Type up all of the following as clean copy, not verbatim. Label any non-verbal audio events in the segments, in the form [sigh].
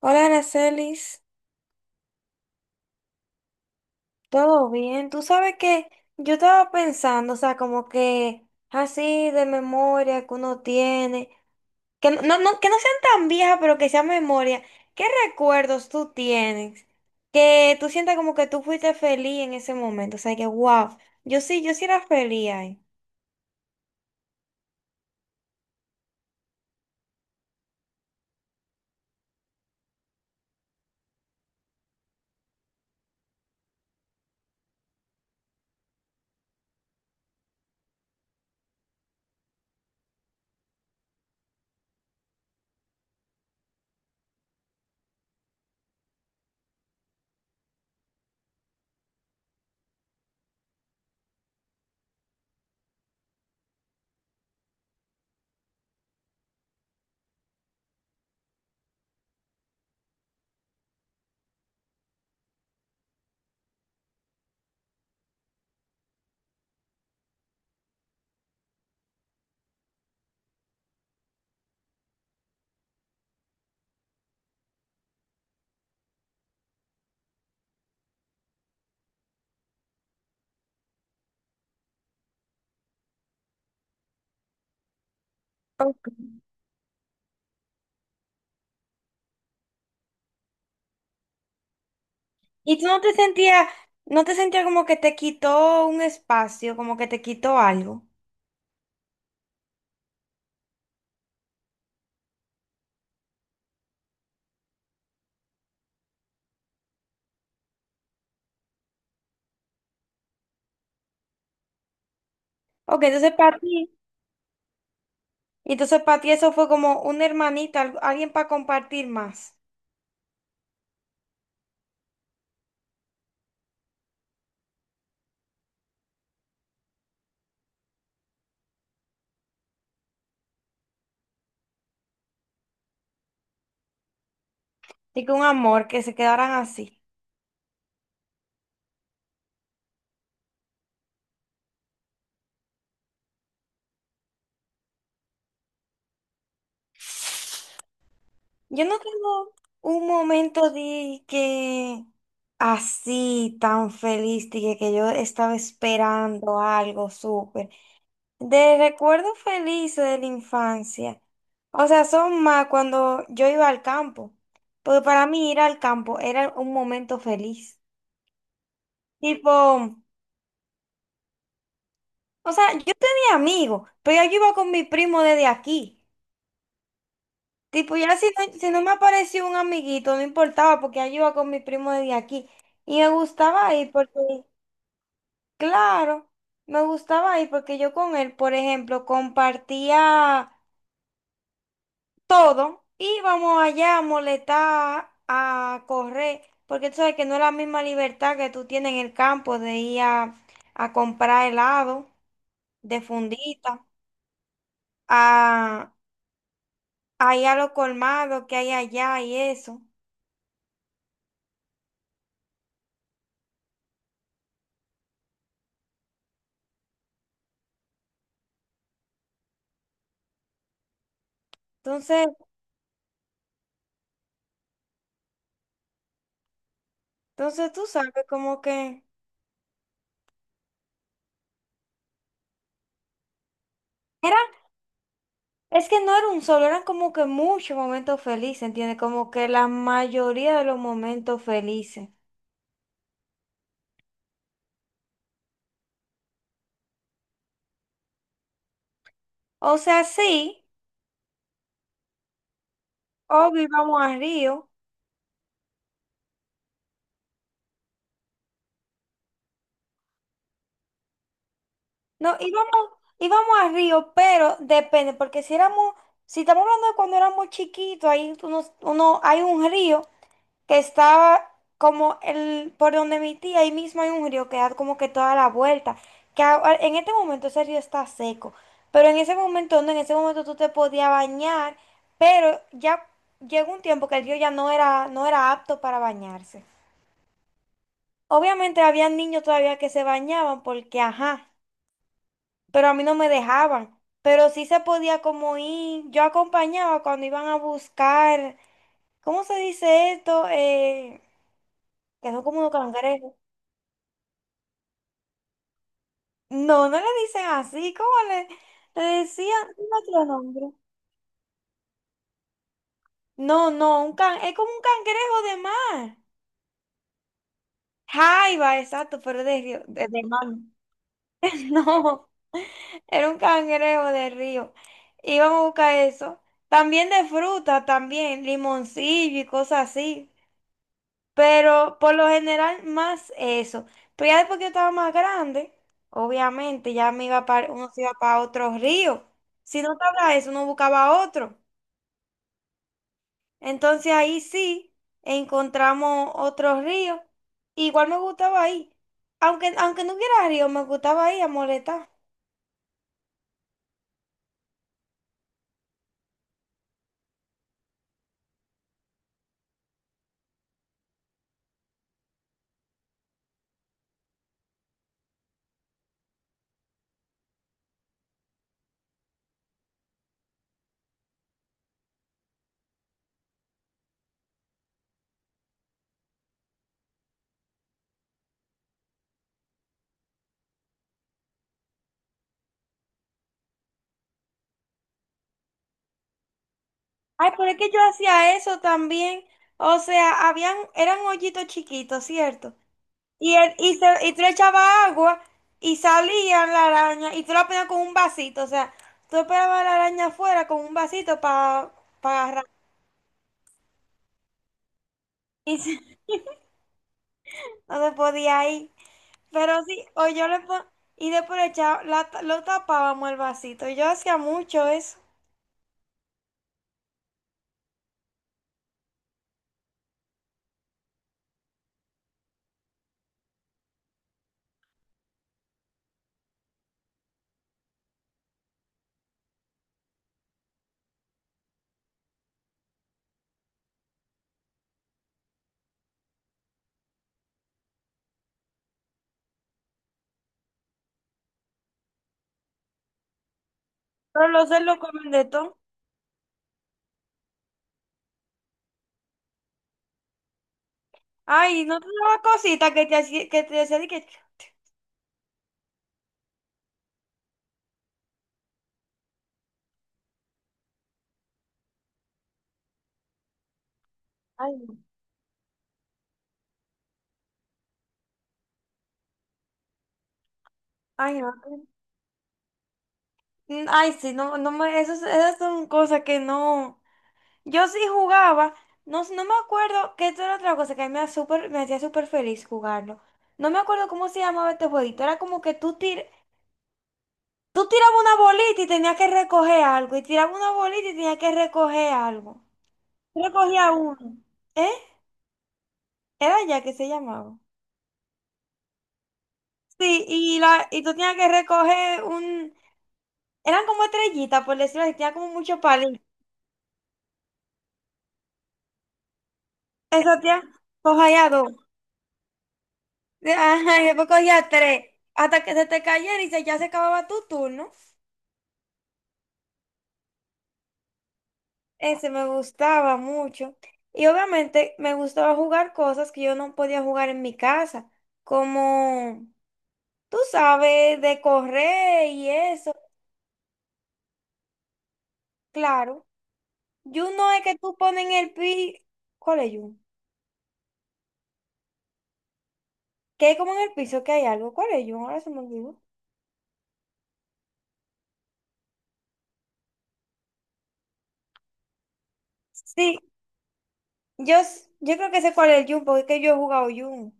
Hola, Aracelis, ¿todo bien? Tú sabes que yo estaba pensando, o sea, como que así de memoria que uno tiene, que que no sean tan viejas, pero que sean memoria. ¿Qué recuerdos tú tienes? Que tú sientas como que tú fuiste feliz en ese momento, o sea, que wow, yo sí era feliz ahí. Ok. Y tú no te sentías, no te sentías como que te quitó un espacio, como que te quitó algo. Ok, entonces para ti. Y entonces para ti eso fue como una hermanita, alguien para compartir más. Y que un amor, que se quedaran así. Yo no tengo un momento de que así tan feliz, que yo estaba esperando algo súper. De recuerdos felices de la infancia. O sea, son más cuando yo iba al campo. Porque para mí ir al campo era un momento feliz. Tipo, o sea, yo tenía amigos, pero yo iba con mi primo desde aquí. Tipo, ya si no me apareció un amiguito, no importaba porque yo iba con mi primo de aquí. Y me gustaba ir porque, claro, me gustaba ir porque yo con él, por ejemplo, compartía todo. Íbamos allá a molestar, a correr, porque tú sabes que no es la misma libertad que tú tienes en el campo de ir a comprar helado de fundita, a, a ir a los colmados que hay allá y eso. Entonces... Entonces tú sabes como que era, es que no era un solo, eran como que muchos momentos felices, ¿entiendes? Como que la mayoría de los momentos felices. O sea, sí, obvio íbamos a Río. No, íbamos a Río, pero depende, porque si estamos hablando de cuando éramos chiquitos, ahí hay un río que estaba como el, por donde mi tía, ahí mismo hay un río que da como que toda la vuelta, que en este momento ese río está seco, pero en ese momento no, en ese momento tú te podías bañar, pero ya llegó un tiempo que el río ya no era apto para bañarse. Obviamente había niños todavía que se bañaban porque, ajá, pero a mí no me dejaban. Pero sí se podía como ir, yo acompañaba cuando iban a buscar, ¿cómo se dice esto? Que son como unos cangrejos. No, no le dicen así, ¿cómo le, le decían? ¿Tiene otro nombre? No, un can, es como un cangrejo de mar. Jaiba, exacto, pero de río, de mar. [laughs] No, era un cangrejo de río. Íbamos a buscar eso. También de fruta, también, limoncillo y cosas así. Pero por lo general más eso. Pero ya después que yo estaba más grande, obviamente ya me iba para, uno se iba para otro río. Si no estaba eso, uno buscaba otro. Entonces ahí sí encontramos otros ríos. Igual me gustaba ahí. Aunque no hubiera río, me gustaba ahí a molestar. Ay, pero es que yo hacía eso también. O sea, habían, eran hoyitos chiquitos, ¿cierto? Y tú le echabas agua y salían la araña y tú la ponías con un vasito. O sea, tú esperabas a la araña afuera con un vasito para agarrar. Y se- [laughs] no se podía ir. Pero sí, o yo le pon- y después le echaba- la ta- lo tapábamos el vasito. Yo hacía mucho eso. Pero los cerdos comen de todo. Ay, ¿no te daba cosita que te hacía, ay, ay, no, que- ay, sí, no me, esas son cosas que no. Yo sí jugaba, no, no me acuerdo, que esto era otra cosa que a mí me hacía súper feliz jugarlo. No me acuerdo cómo se llamaba este jueguito. Era como que tú tirabas una bolita y tenías que recoger algo, y tirabas una bolita y tenías que recoger algo. Recogía uno. ¿Eh? Era ya que se llamaba. Sí, y tú tenías que recoger un... Eran como estrellitas, por decirlo así, tenía como muchos palitos. Eso tía, cogía dos. Ajá, y después cogía tres. Hasta que se te cayera y se, ya se acababa tu turno. Ese me gustaba mucho. Y obviamente me gustaba jugar cosas que yo no podía jugar en mi casa. Como, tú sabes, de correr y eso. Claro. Yun no es que tú pones en el piso. ¿Cuál es Yun? Que hay como en el piso que hay algo. ¿Cuál es Yun? Ahora se me olvidó. Sí, yo creo que sé cuál es el Yun porque es que yo he jugado Yun.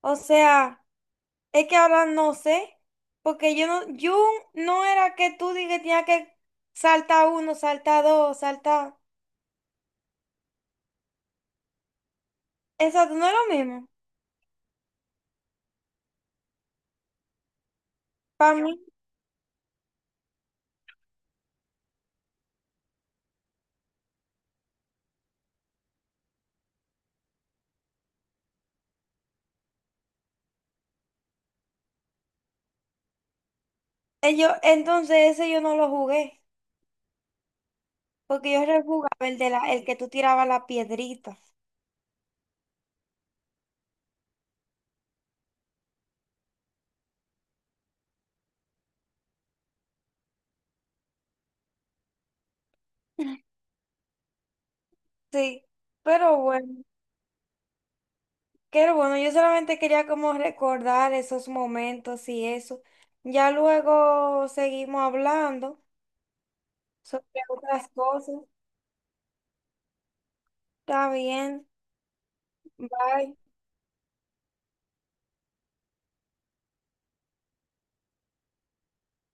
O sea, es que ahora no sé. Porque yo no. Yun no era que tú digas que tenías que saltar uno, saltar dos, saltar. Exacto, no es lo mismo. Para mí, entonces ese yo no lo jugué. Porque yo rejugaba el el que tú tirabas la piedrita. Sí, pero bueno. Qué bueno, yo solamente quería como recordar esos momentos y eso. Ya luego seguimos hablando sobre otras cosas. Está bien, bye.